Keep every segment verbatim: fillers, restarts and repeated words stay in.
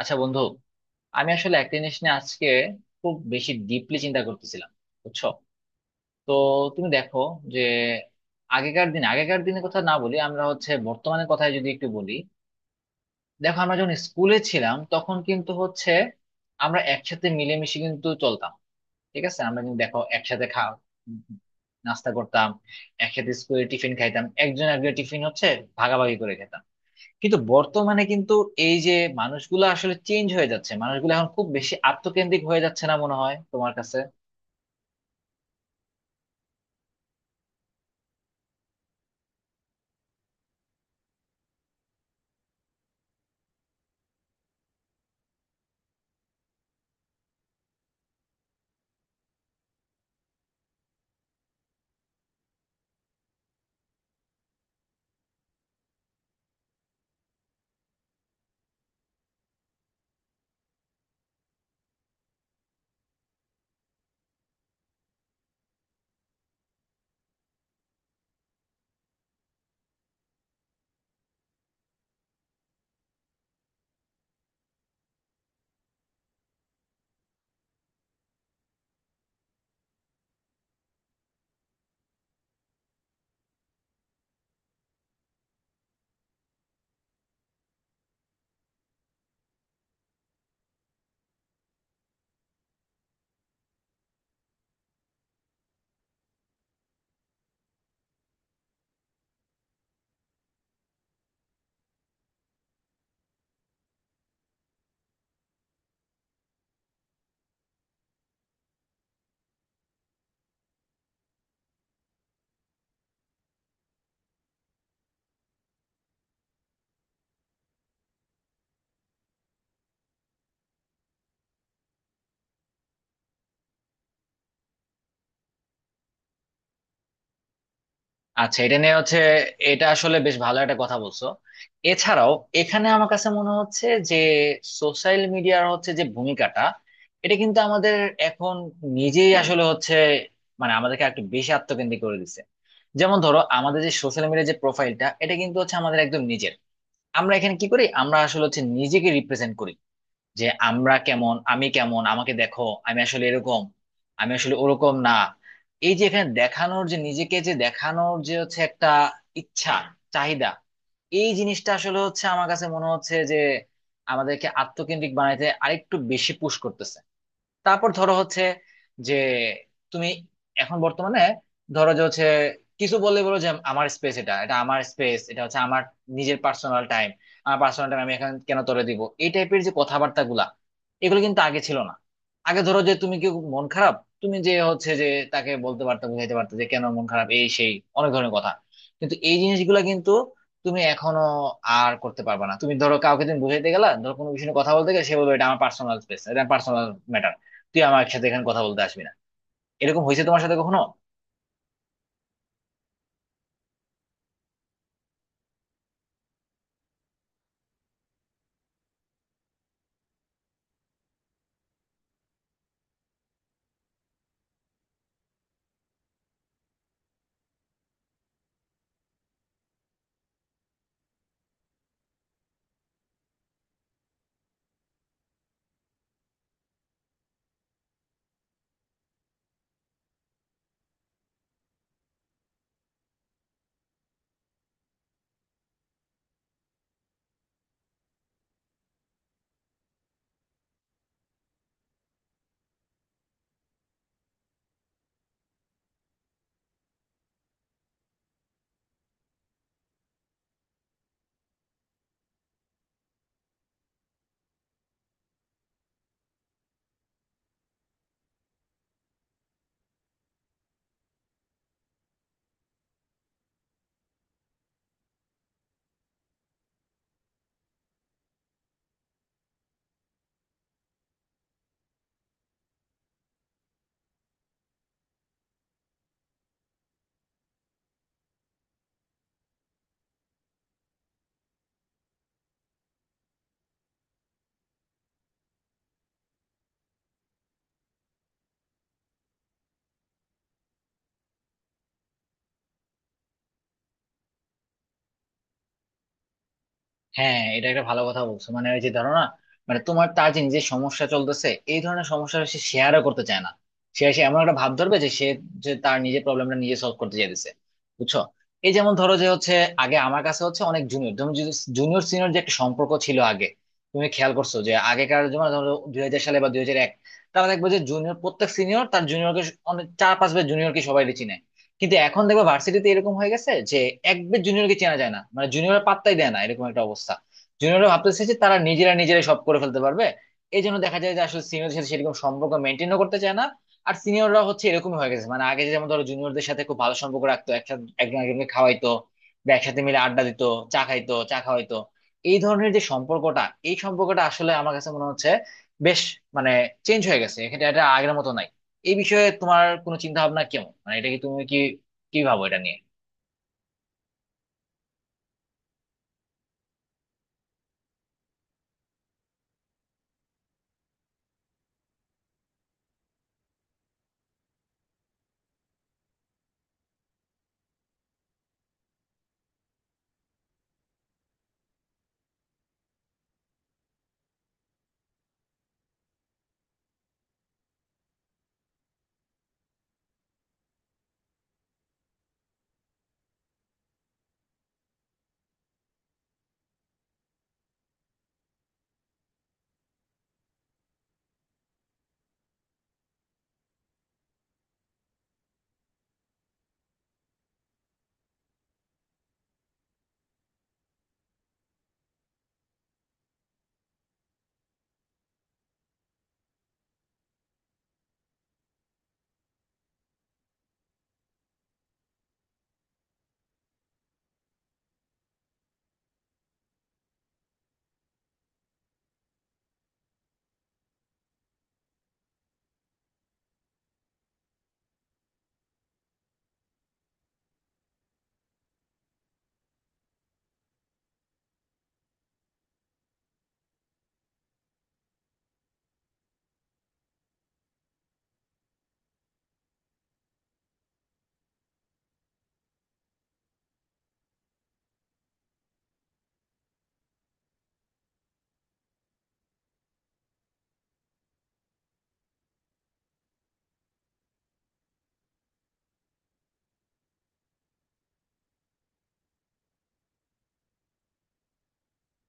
আচ্ছা বন্ধু, আমি আসলে একটা জিনিস নিয়ে আজকে খুব বেশি ডিপলি চিন্তা করতেছিলাম, বুঝছো? তো তুমি দেখো যে আগেকার দিন আগেকার দিনের কথা না বলি, আমরা হচ্ছে বর্তমানের কথাই যদি একটু বলি। দেখো, আমরা যখন স্কুলে ছিলাম তখন কিন্তু হচ্ছে আমরা একসাথে মিলেমিশে কিন্তু চলতাম। ঠিক আছে, আমরা কিন্তু দেখো একসাথে খাওয়া নাস্তা করতাম, একসাথে স্কুলে টিফিন খাইতাম, একজন একজন টিফিন হচ্ছে ভাগাভাগি করে খেতাম। কিন্তু বর্তমানে কিন্তু এই যে মানুষগুলো আসলে চেঞ্জ হয়ে যাচ্ছে, মানুষগুলো এখন খুব বেশি আত্মকেন্দ্রিক হয়ে যাচ্ছে না মনে হয় তোমার কাছে? আচ্ছা, এটা নিয়ে হচ্ছে এটা আসলে বেশ ভালো একটা কথা বলছো। এছাড়াও এখানে আমার কাছে মনে হচ্ছে যে সোশ্যাল মিডিয়ার হচ্ছে যে ভূমিকাটা, এটা কিন্তু আমাদের এখন নিজেই আসলে হচ্ছে মানে আমাদেরকে একটু বেশি আত্মকেন্দ্রিক করে দিচ্ছে। যেমন ধরো, আমাদের যে সোশ্যাল মিডিয়ার যে প্রোফাইলটা, এটা কিন্তু হচ্ছে আমাদের একদম নিজের। আমরা এখানে কি করি? আমরা আসলে হচ্ছে নিজেকে রিপ্রেজেন্ট করি যে আমরা কেমন, আমি কেমন, আমাকে দেখো, আমি আসলে এরকম, আমি আসলে ওরকম না। এই যে এখানে দেখানোর যে নিজেকে, যে দেখানোর যে হচ্ছে একটা ইচ্ছা, চাহিদা, এই জিনিসটা আসলে হচ্ছে আমার কাছে মনে হচ্ছে যে আমাদেরকে আত্মকেন্দ্রিক বানাইতে আরেকটু বেশি পুশ করতেছে। তারপর ধরো হচ্ছে যে তুমি এখন বর্তমানে ধরো যে হচ্ছে কিছু বললে বলো যে আমার স্পেস, এটা এটা আমার স্পেস, এটা হচ্ছে আমার নিজের পার্সোনাল টাইম, আমার পার্সোনাল টাইম আমি এখন কেন তোরে দিব, এই টাইপের যে কথাবার্তা গুলা, এগুলো কিন্তু আগে ছিল না। আগে ধরো যে তুমি, কেউ মন খারাপ, তুমি যে হচ্ছে যে তাকে বলতে পারতো, বুঝাইতে পারতো যে কেন মন খারাপ, এই সেই অনেক ধরনের কথা। কিন্তু এই জিনিসগুলা কিন্তু তুমি এখনো আর করতে পারবে না। তুমি ধরো কাউকে তুমি বুঝাইতে গেলা, ধরো কোনো বিষয়ে কথা বলতে গেলে, সে বলবে এটা আমার পার্সোনাল স্পেস, এটা পার্সোনাল ম্যাটার, তুই আমার সাথে এখানে কথা বলতে আসবি না। এরকম হয়েছে তোমার সাথে কখনো? হ্যাঁ, এটা একটা ভালো কথা বলছো। মানে ওই যে ধরো না, মানে তোমার তাজিন যে সমস্যা চলতেছে, এই ধরনের সমস্যা সে শেয়ারও করতে চায় না। সে এসে এমন একটা ভাব ধরবে যে সে, যে তার নিজের প্রবলেমটা নিজে সলভ করতে চাইতেছে, বুঝছো? এই যেমন ধরো যে হচ্ছে আগে আমার কাছে হচ্ছে অনেক জুনিয়র, তুমি জুনিয়র সিনিয়র যে একটা সম্পর্ক ছিল আগে, তুমি খেয়াল করছো যে আগেকার যেমন ধরো দুই হাজার সালে বা দুই হাজার এক, তারা দেখবে যে জুনিয়র, প্রত্যেক সিনিয়র তার জুনিয়রকে, অনেক চার পাঁচ বার জুনিয়রকে সবাই চিনে। কিন্তু এখন দেখবে ভার্সিটিতে এরকম হয়ে গেছে যে একবার জুনিয়রকে চেনা যায় না, মানে জুনিয়র পাত্তাই দেয় না, এরকম একটা অবস্থা। জুনিয়ররা ভাবতেছে যে তারা নিজেরা নিজেরাই সব করে ফেলতে পারবে। এই জন্য দেখা যায় যে আসলে সিনিয়রদের সাথে সেরকম সম্পর্ক মেনটেনও করতে চায় না। আর সিনিয়ররা হচ্ছে এরকমই হয়ে গেছে, মানে আগে যেমন ধরো জুনিয়রদের সাথে খুব ভালো সম্পর্ক রাখতো, একসাথে একজন একজনকে খাওয়াইতো বা একসাথে মিলে আড্ডা দিত, চা খাইতো, চা খাওয়াইতো। এই ধরনের যে সম্পর্কটা, এই সম্পর্কটা আসলে আমার কাছে মনে হচ্ছে বেশ, মানে চেঞ্জ হয়ে গেছে, এটা এটা আগের মতো নাই। এই বিষয়ে তোমার কোনো চিন্তা ভাবনা কেমন, মানে এটা কি, তুমি কি, কি ভাবো এটা নিয়ে?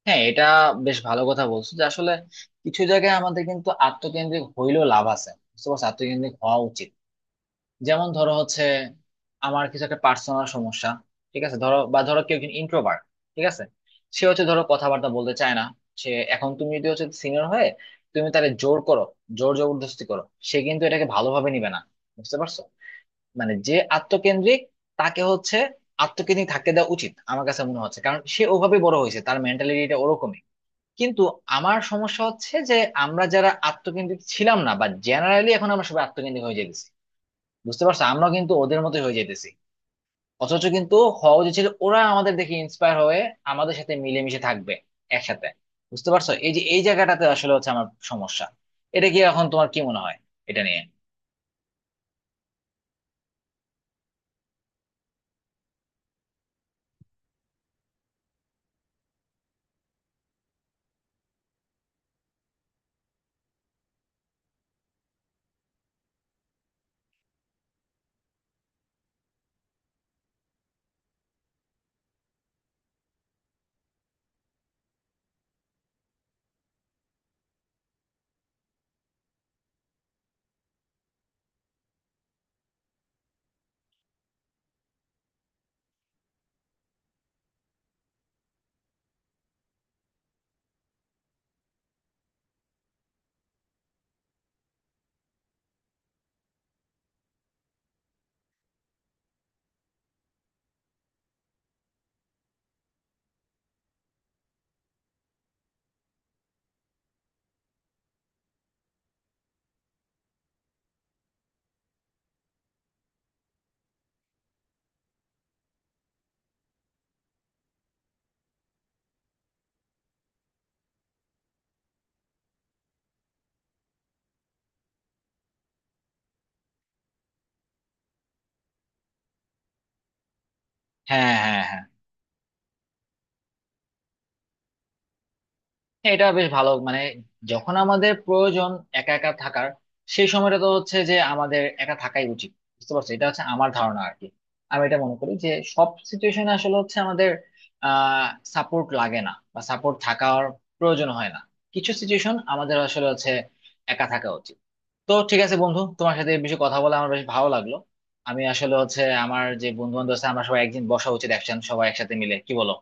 হ্যাঁ, এটা বেশ ভালো কথা বলছো যে আসলে কিছু জায়গায় আমাদের কিন্তু আত্মকেন্দ্রিক হইলেও লাভ আছে, বুঝতে পারছো, আত্মকেন্দ্রিক হওয়া উচিত। যেমন ধরো হচ্ছে আমার কিছু একটা পার্সোনাল সমস্যা, ঠিক আছে, ধরো বা ধরো কেউ একজন ইন্ট্রোভার্ট, ঠিক আছে, সে হচ্ছে ধরো কথাবার্তা বলতে চায় না। সে এখন, তুমি যদি হচ্ছে সিনিয়র হয়ে তুমি তাকে জোর করো, জোর জবরদস্তি করো, সে কিন্তু এটাকে ভালোভাবে নিবে না, বুঝতে পারছো? মানে যে আত্মকেন্দ্রিক, তাকে হচ্ছে আত্মকেন্দ্রিক থাকতে দেওয়া উচিত আমার কাছে মনে হচ্ছে, কারণ সে ওভাবে বড় হয়েছে, তার মেন্টালিটিটা ওরকমই। কিন্তু আমার সমস্যা হচ্ছে যে আমরা যারা আত্মকেন্দ্রিক ছিলাম না বা জেনারেলি, এখন আমরা সবাই আত্মকেন্দ্রিক হয়ে যেতেছি, বুঝতে পারছো, আমরা কিন্তু ওদের মতো হয়ে যেতেছি। অথচ কিন্তু হওয়া উচিত ছিল ওরা আমাদের দেখে ইন্সপায়ার হয়ে আমাদের সাথে মিলেমিশে থাকবে, একসাথে। বুঝতে পারছো, এই যে এই জায়গাটাতে আসলে হচ্ছে আমার সমস্যা। এটা কি, এখন তোমার কি মনে হয় এটা নিয়ে? হ্যাঁ, হ্যাঁ, হ্যাঁ, হ্যাঁ, এটা বেশ ভালো মানে, যখন আমাদের প্রয়োজন একা একা থাকার, সেই সময়টা তো হচ্ছে যে আমাদের একা থাকাই উচিত। বুঝতে পারছো, এটা হচ্ছে আমার ধারণা আর কি। আমি এটা মনে করি যে সব সিচুয়েশনে আসলে হচ্ছে আমাদের আহ সাপোর্ট লাগে না বা সাপোর্ট থাকার প্রয়োজন হয় না। কিছু সিচুয়েশন আমাদের আসলে হচ্ছে একা থাকা উচিত। তো ঠিক আছে বন্ধু, তোমার সাথে এই বিষয়ে কথা বলে আমার বেশ ভালো লাগলো। আমি আসলে হচ্ছে আমার যে বন্ধু বান্ধব আছে আমরা সবাই একদিন বসা উচিত, একসাথে সবাই একসাথে মিলে, কি বলো?